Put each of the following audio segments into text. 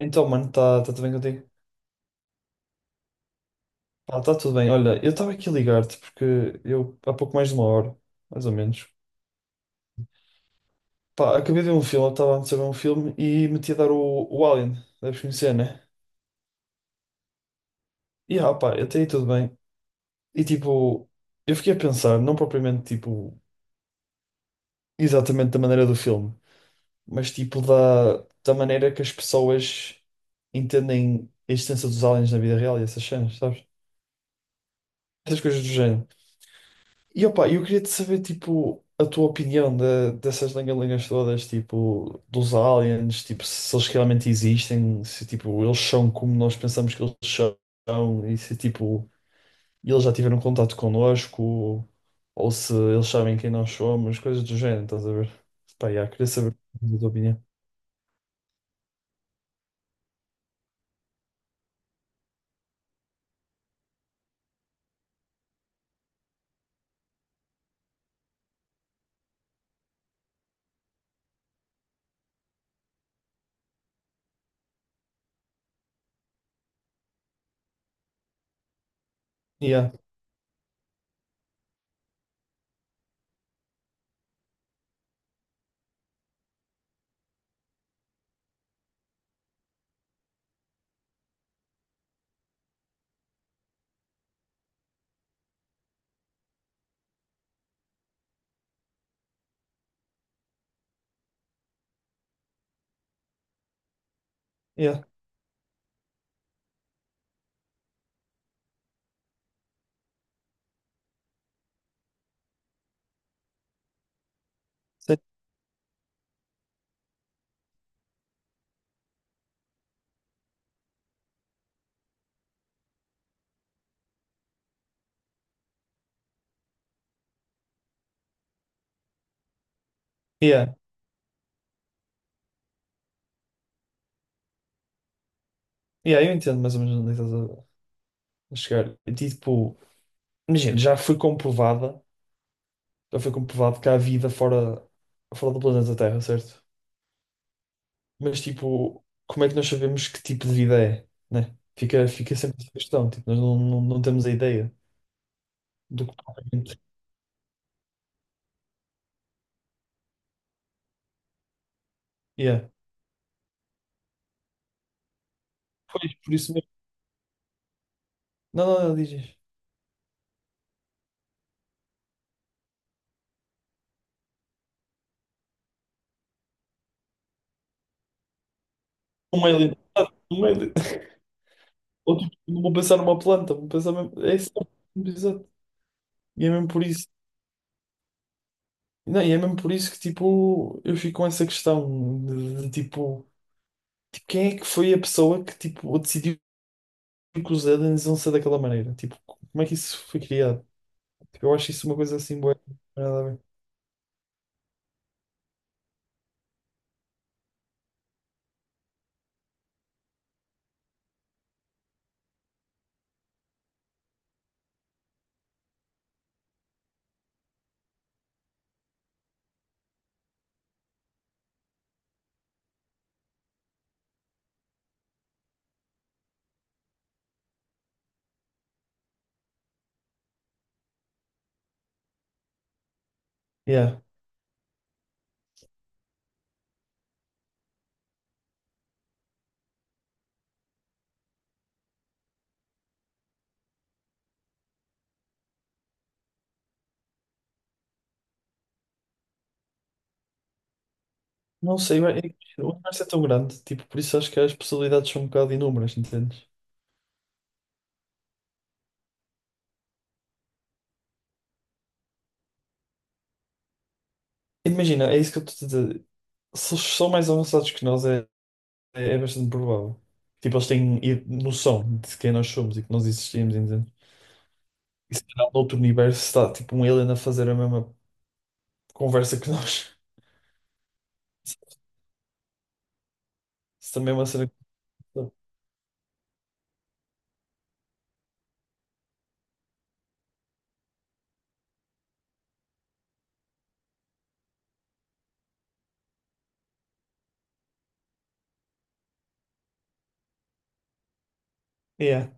Então, mano, está tá tá tudo bem contigo? Pá, tá tudo bem. Olha, eu estava aqui a ligar-te porque eu, há pouco mais de uma hora, mais ou menos, pá, acabei de ver um filme, eu estava antes a ver um filme e meti a dar o Alien, deves conhecer, né? E pá, até aí tudo bem. E tipo, eu fiquei a pensar, não propriamente tipo, exatamente da maneira do filme, mas tipo da maneira que as pessoas entendem a existência dos aliens na vida real e essas cenas, sabes? Essas coisas do género. E opa, eu queria te saber, tipo, a tua opinião dessas lengalengas todas, tipo, dos aliens, tipo, se eles realmente existem, se, tipo, eles são como nós pensamos que eles são, e se, tipo, eles já tiveram contato connosco, ou se eles sabem quem nós somos, coisas do género, estás a ver? Pá, yeah, queria saber a tua opinião. Yeah, yeah, sei- yeah, yeah, eu entendo mais ou menos onde estás a a chegar. E, tipo, imagina, Já foi comprovado que há vida fora do planeta Terra, certo? Mas, tipo, como é que nós sabemos que tipo de vida é, né? Fica sempre essa questão, tipo, nós não temos a ideia do que propriamente é. Pois, por isso mesmo. Não, não, não, dizes? Um alien. Um alien. Ou, tipo, não vou pensar numa planta, vou pensar mesmo... É isso, exato. E é mesmo por isso... Não, e é mesmo por isso que, tipo, eu fico com essa questão tipo... Tipo, quem é que foi a pessoa que, tipo, decidiu que os aliens iam ser daquela maneira. Tipo, como é que isso foi criado? Tipo, eu acho isso uma coisa assim boa. Yeah. Não sei, é que o universo é tão grande, tipo, por isso acho que as possibilidades são um bocado inúmeras, entendes? Imagina, é isso que eu estou a dizer. Se eles são mais avançados que nós, é bastante provável. Tipo, eles têm noção de quem nós somos e que nós existimos, entende? E se calhar no outro universo está, tipo, um alien a fazer a mesma conversa que nós. Isso também é uma cena que... Yeah.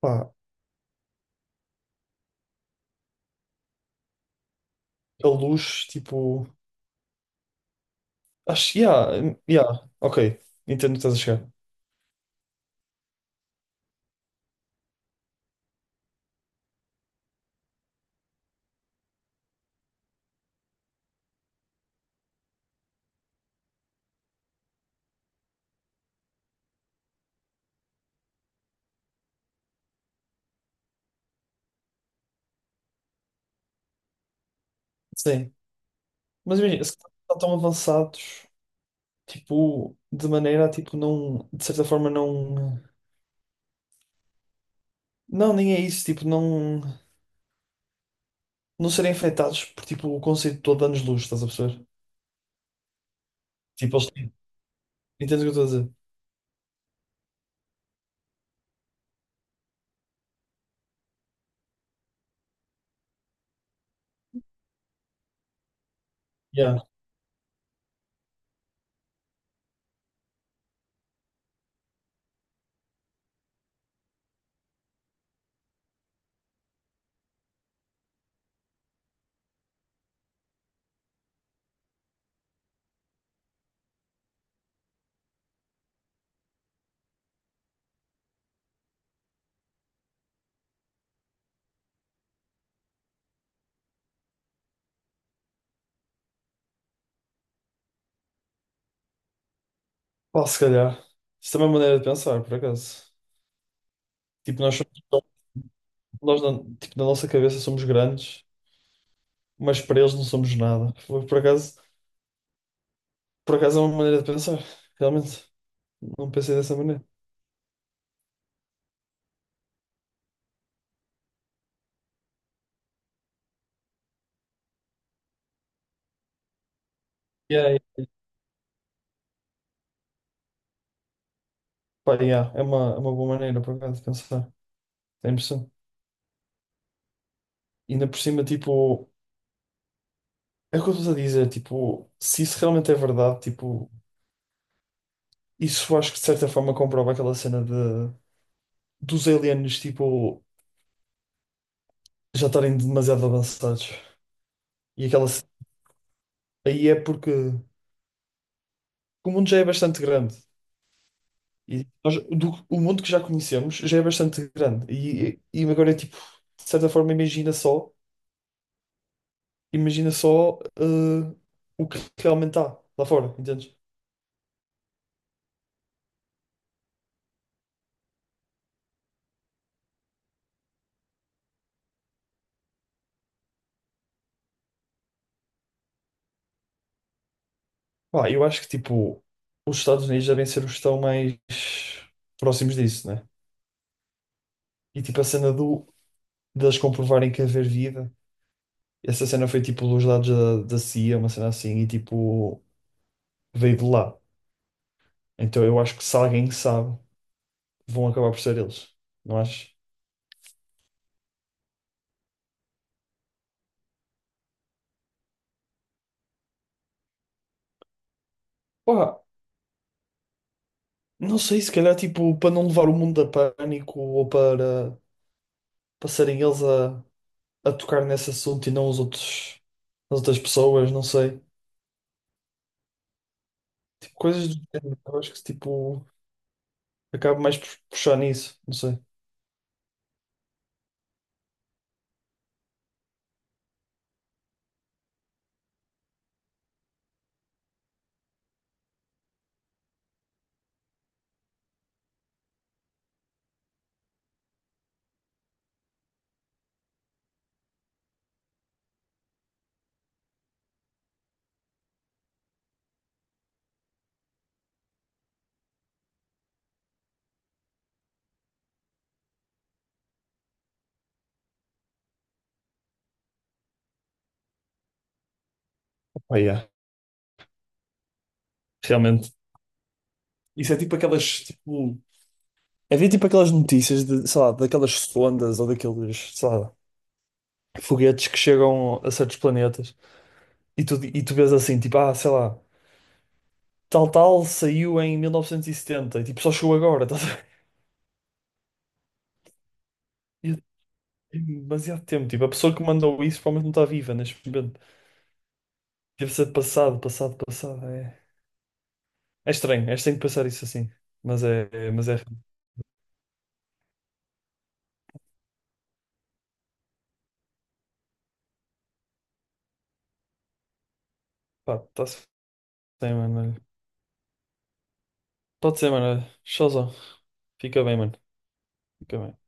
Pá, a luz, tipo. Acho, yeah, yeah, ok. Entendo o que estás a chegar. Sim. Mas imagina, se estão tão avançados, tipo, de maneira a, tipo, não, de certa forma, não. Não, nem é isso, tipo, não. Não serem afetados por, tipo, o conceito todo de anos-luz, estás a perceber? Tipo, eles. Têm. Entendes o que eu estou a dizer? Yeah. Pá, se calhar. Isso também é uma maneira de pensar, por acaso. Tipo, nós somos. Tipo, na nossa cabeça somos grandes, mas para eles não somos nada. Por acaso é uma maneira de pensar, realmente. Não pensei dessa maneira. E aí, pá, yeah, é uma boa maneira por acaso de pensar. É impressão. Ainda por cima, tipo, é o que eu estou a dizer, tipo, se isso realmente é verdade, tipo, isso acho que de certa forma comprova aquela cena de dos aliens, tipo, já estarem demasiado avançados. E aquela ce- Aí é porque o mundo já é bastante grande. O mundo que já conhecemos já é bastante grande. E agora é tipo, de certa forma, imagina só, o que realmente há lá fora, entendes? Pá, eu acho que tipo, os Estados Unidos devem ser os que estão mais próximos disso, né? E tipo, a cena do, deles comprovarem que haver vida, essa cena foi tipo dos dados da CIA, uma cena assim, e tipo, veio de lá. Então eu acho que se alguém sabe, vão acabar por ser eles, não acho? Pá, não sei, se calhar tipo, para não levar o mundo a pânico ou para passarem eles a tocar nesse assunto e não os outros, as outras pessoas, não sei. Tipo, coisas do género, eu acho que tipo. Acabo mais por puxar nisso, não sei. Oh, yeah. Realmente. Isso é tipo aquelas, tipo... Havia tipo aquelas notícias de, sei lá, daquelas sondas ou daqueles, sei lá, foguetes que chegam a certos planetas e tu vês assim, tipo, ah, sei lá, tal tal saiu em 1970 e setenta e tipo, só chegou agora, estás a ver? E tem demasiado tempo, tipo, a pessoa que mandou isso provavelmente não está viva neste momento. Deve ser passado, passado, passado. É estranho, é estranho pensar isso assim, mas é, pá, está-se bem, mano. Pode ser, mano. Showzão. Fica bem, mano. Fica bem.